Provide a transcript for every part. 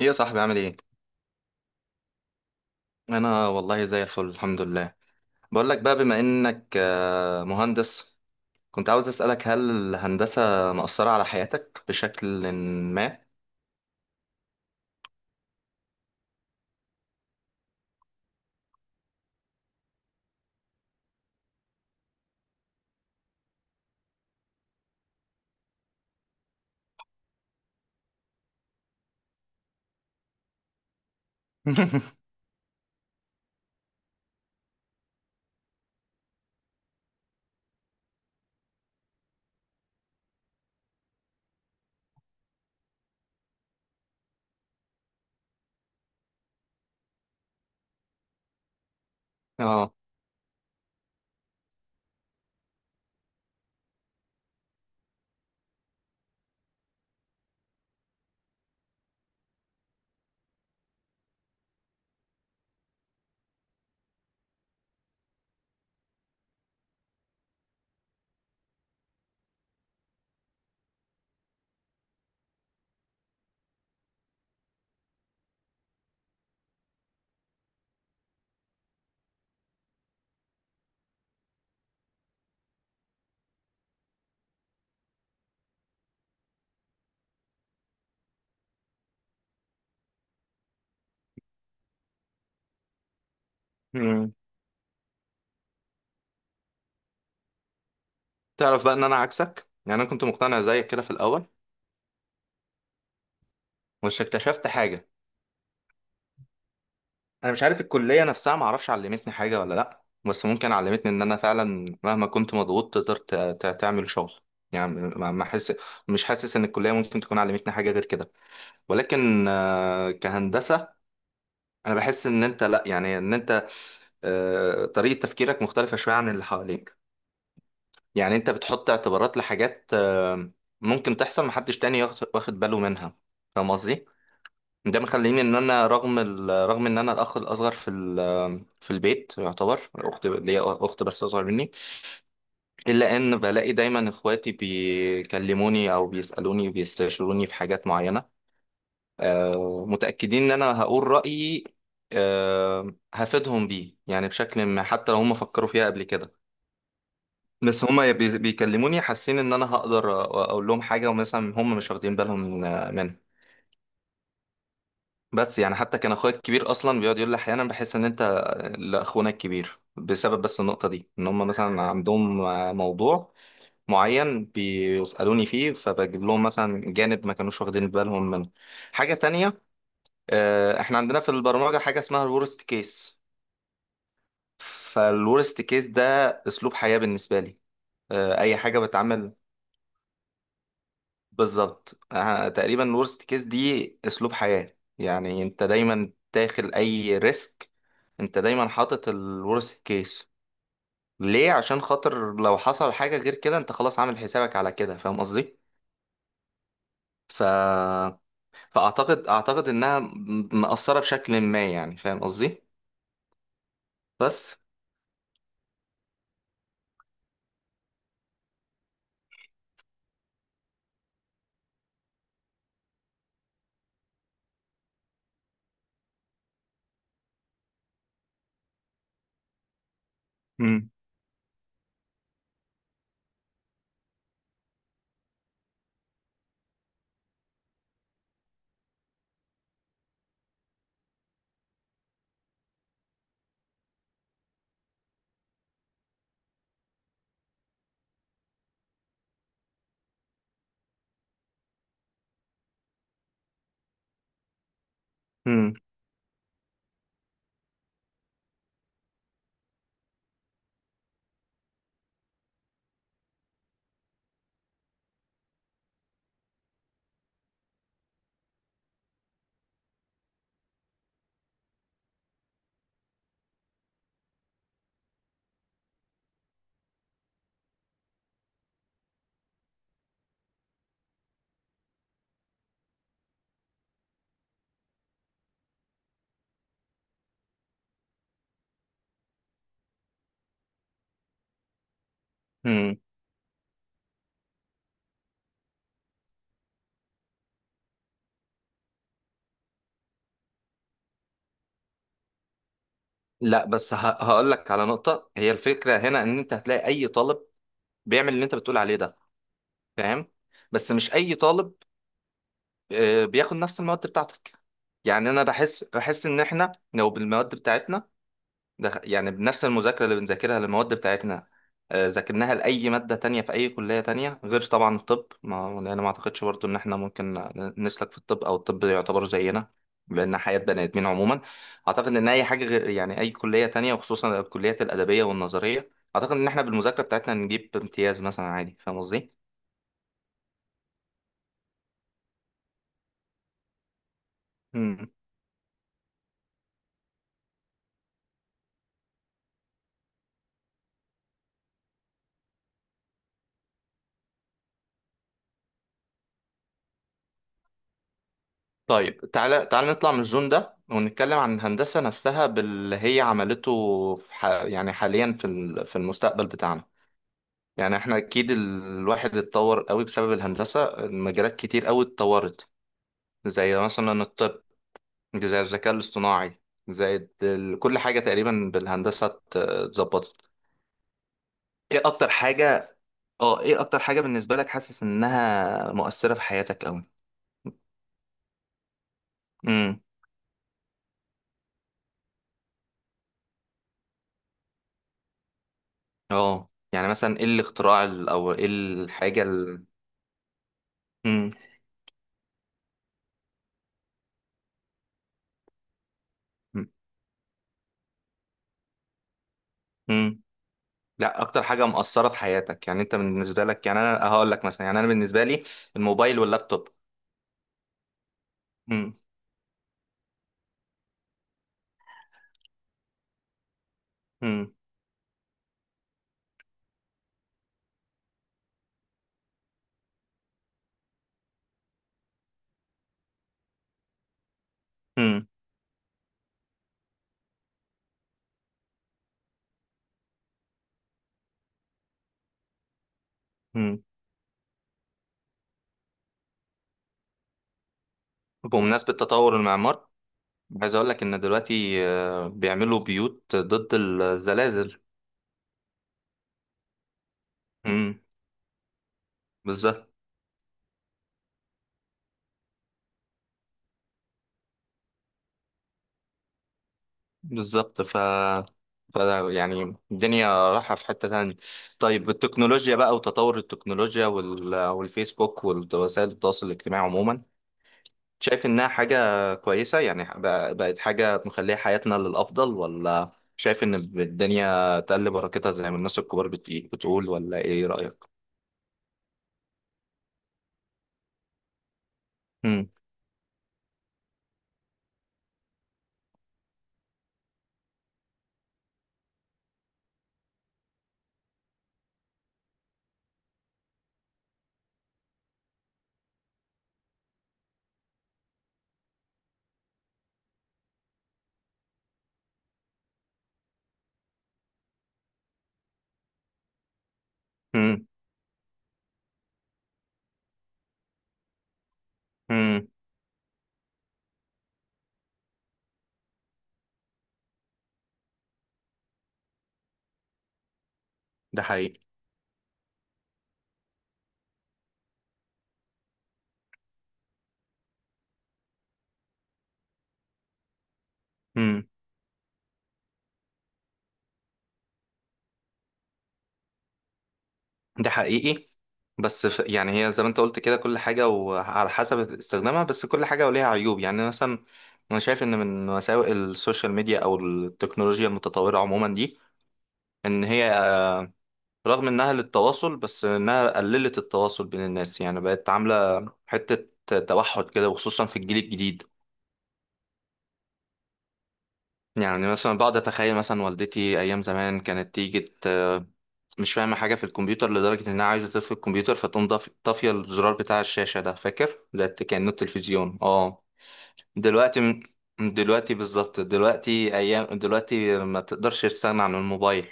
ايه يا صاحبي، عامل ايه؟ انا والله زي الفل، الحمد لله. بقول لك بقى، بما انك مهندس، كنت عاوز اسالك، هل الهندسه مأثره على حياتك بشكل ما؟ اه. مم. تعرف بقى ان انا عكسك، يعني انا كنت مقتنع زيك كده في الاول، بس اكتشفت حاجه. انا مش عارف الكليه نفسها ما اعرفش علمتني حاجه ولا لا، بس ممكن علمتني ان انا فعلا مهما كنت مضغوط تقدر تعمل شغل. يعني ما ما احس مش حاسس ان الكليه ممكن تكون علمتني حاجه غير كده. ولكن كهندسة، أنا بحس إن أنت لأ، يعني إن أنت طريقة تفكيرك مختلفة شوية عن اللي حواليك. يعني أنت بتحط اعتبارات لحاجات ممكن تحصل محدش تاني واخد باله منها. فاهم قصدي؟ ده مخليني إن أنا، رغم رغم إن أنا الأخ الأصغر في في البيت، يعتبر أخت ليا، أخت بس أصغر مني، إلا إن بلاقي دايما إخواتي بيكلموني أو بيسألوني بيستشيروني في حاجات معينة، متأكدين إن أنا هقول رأيي، هفيدهم بيه يعني بشكل ما، حتى لو هم فكروا فيها قبل كده. بس هم بيكلموني حاسين إن أنا هقدر أقول لهم حاجة ومثلا هم مش واخدين بالهم منها. بس يعني حتى كان أخويا الكبير أصلا بيقعد يقول لي أحيانا بحس إن أنت لأخونا الكبير، بسبب بس النقطة دي إن هم مثلا عندهم موضوع معين بيسألوني فيه، فبجيب لهم مثلا جانب ما كانوش واخدين بالهم منه. حاجة تانية، احنا عندنا في البرمجة حاجة اسمها الورست كيس. فالورست كيس ده اسلوب حياة بالنسبة لي. اي حاجة بتعمل. بالظبط، تقريبا الورست كيس دي اسلوب حياة. يعني انت دايما داخل اي ريسك، انت دايما حاطط الورست كيس. ليه؟ عشان خاطر لو حصل حاجة غير كده انت خلاص عامل حسابك على كده. فاهم قصدي؟ ف... فاعتقد انها مأثرة بشكل ما يعني. فاهم قصدي؟ بس. مم. مم. لا، بس هقول لك على نقطة. هي الفكرة هنا ان انت هتلاقي اي طالب بيعمل اللي انت بتقول عليه ده. فاهم؟ بس مش اي طالب بياخد نفس المواد بتاعتك. يعني انا بحس ان احنا لو بالمواد بتاعتنا، ده يعني بنفس المذاكرة اللي بنذاكرها للمواد بتاعتنا، ذاكرناها لأي مادة تانية في أي كلية تانية، غير طبعا الطب، ما لأن ما أعتقدش برضو إن إحنا ممكن نسلك في الطب أو الطب يعتبر زينا، لأن حياة بني آدمين عموما. أعتقد إن أي حاجة غير، يعني، أي كلية تانية، وخصوصا الكليات الأدبية والنظرية، أعتقد إن إحنا بالمذاكرة بتاعتنا نجيب امتياز مثلا عادي. فاهم قصدي؟ مم. طيب، تعالى تعالى نطلع من الزون ده، ونتكلم عن الهندسة نفسها، باللي هي عملته في يعني حاليا في في المستقبل بتاعنا. يعني احنا اكيد الواحد اتطور قوي بسبب الهندسة، المجالات كتير قوي اتطورت. زي مثلا الطب، زي الذكاء الاصطناعي، زي كل حاجة تقريبا بالهندسة اتظبطت. ايه اكتر حاجة اه ايه اكتر حاجة بالنسبة لك حاسس انها مؤثرة في حياتك قوي؟ امم. اه يعني مثلا ايه الاختراع او ايه الحاجة امم. امم. لا، اكتر حاجة مؤثرة في حياتك يعني انت بالنسبة لك. يعني انا هقول لك مثلا، يعني انا بالنسبة لي الموبايل واللابتوب. امم. امم. امم. بمناسبة تطور المعمار، عايز اقول لك ان دلوقتي بيعملوا بيوت ضد الزلازل. امم. بالظبط. بالظبط. ف يعني الدنيا رايحة في حتة تانية. طيب التكنولوجيا بقى، وتطور التكنولوجيا، والفيسبوك ووسائل التواصل الاجتماعي عموما، شايف انها حاجة كويسة؟ يعني بقت حاجة مخلية حياتنا للأفضل، ولا شايف ان الدنيا تقل بركتها زي ما الناس الكبار بتقول، ولا ايه رأيك؟ امم. امم. ده حقيقي. امم. ده حقيقي بس. يعني هي زي ما انت قلت كده، كل حاجة وعلى حسب استخدامها، بس كل حاجة وليها عيوب، يعني مثلا، انا شايف ان من مساوئ السوشيال ميديا او التكنولوجيا المتطورة عموما دي، ان هي رغم انها للتواصل، بس انها قللت التواصل بين الناس، يعني بقت عاملة حتة توحد كده، وخصوصا في الجيل الجديد. يعني مثلا بقعد اتخيل مثلا والدتي ايام زمان كانت تيجي مش فاهمه حاجه في الكمبيوتر، لدرجه انها عايزه تطفي الكمبيوتر، فتقوم طافيه الزرار بتاع الشاشه ده، فاكر ده، كانه التلفزيون. اه. دلوقتي م- دلوقتي بالظبط، دلوقتي، ايام دلوقتي ما تقدرش تستغنى عن الموبايل.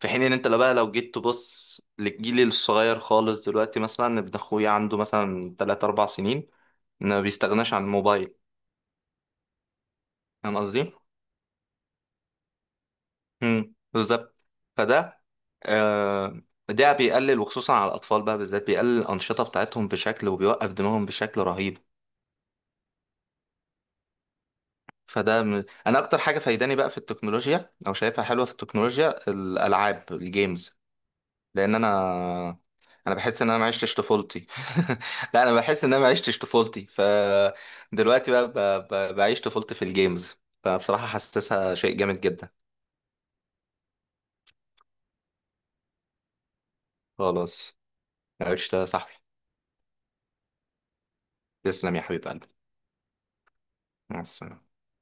في حين ان انت لو بقى، لو جيت تبص للجيل الصغير خالص دلوقتي، مثلا ابن اخويا عنده مثلا 3 4 سنين ما بيستغناش عن الموبايل. فاهم قصدي؟ امم. بالظبط. فده آه ده بيقلل، وخصوصا على الاطفال بقى بالذات، بيقلل الانشطه بتاعتهم بشكل، وبيوقف دماغهم بشكل رهيب. انا اكتر حاجه فايداني بقى في التكنولوجيا، او شايفها حلوه في التكنولوجيا، الالعاب، الجيمز. لان انا بحس ان انا ما عشتش طفولتي. لا انا بحس ان انا ما عشتش طفولتي، فدلوقتي بقى بعيش طفولتي في الجيمز. فبصراحه حاسسها شيء جامد جدا. خلاص. عشت يا صاحبي. تسلم يا حبيب قلبي. مع السلامه.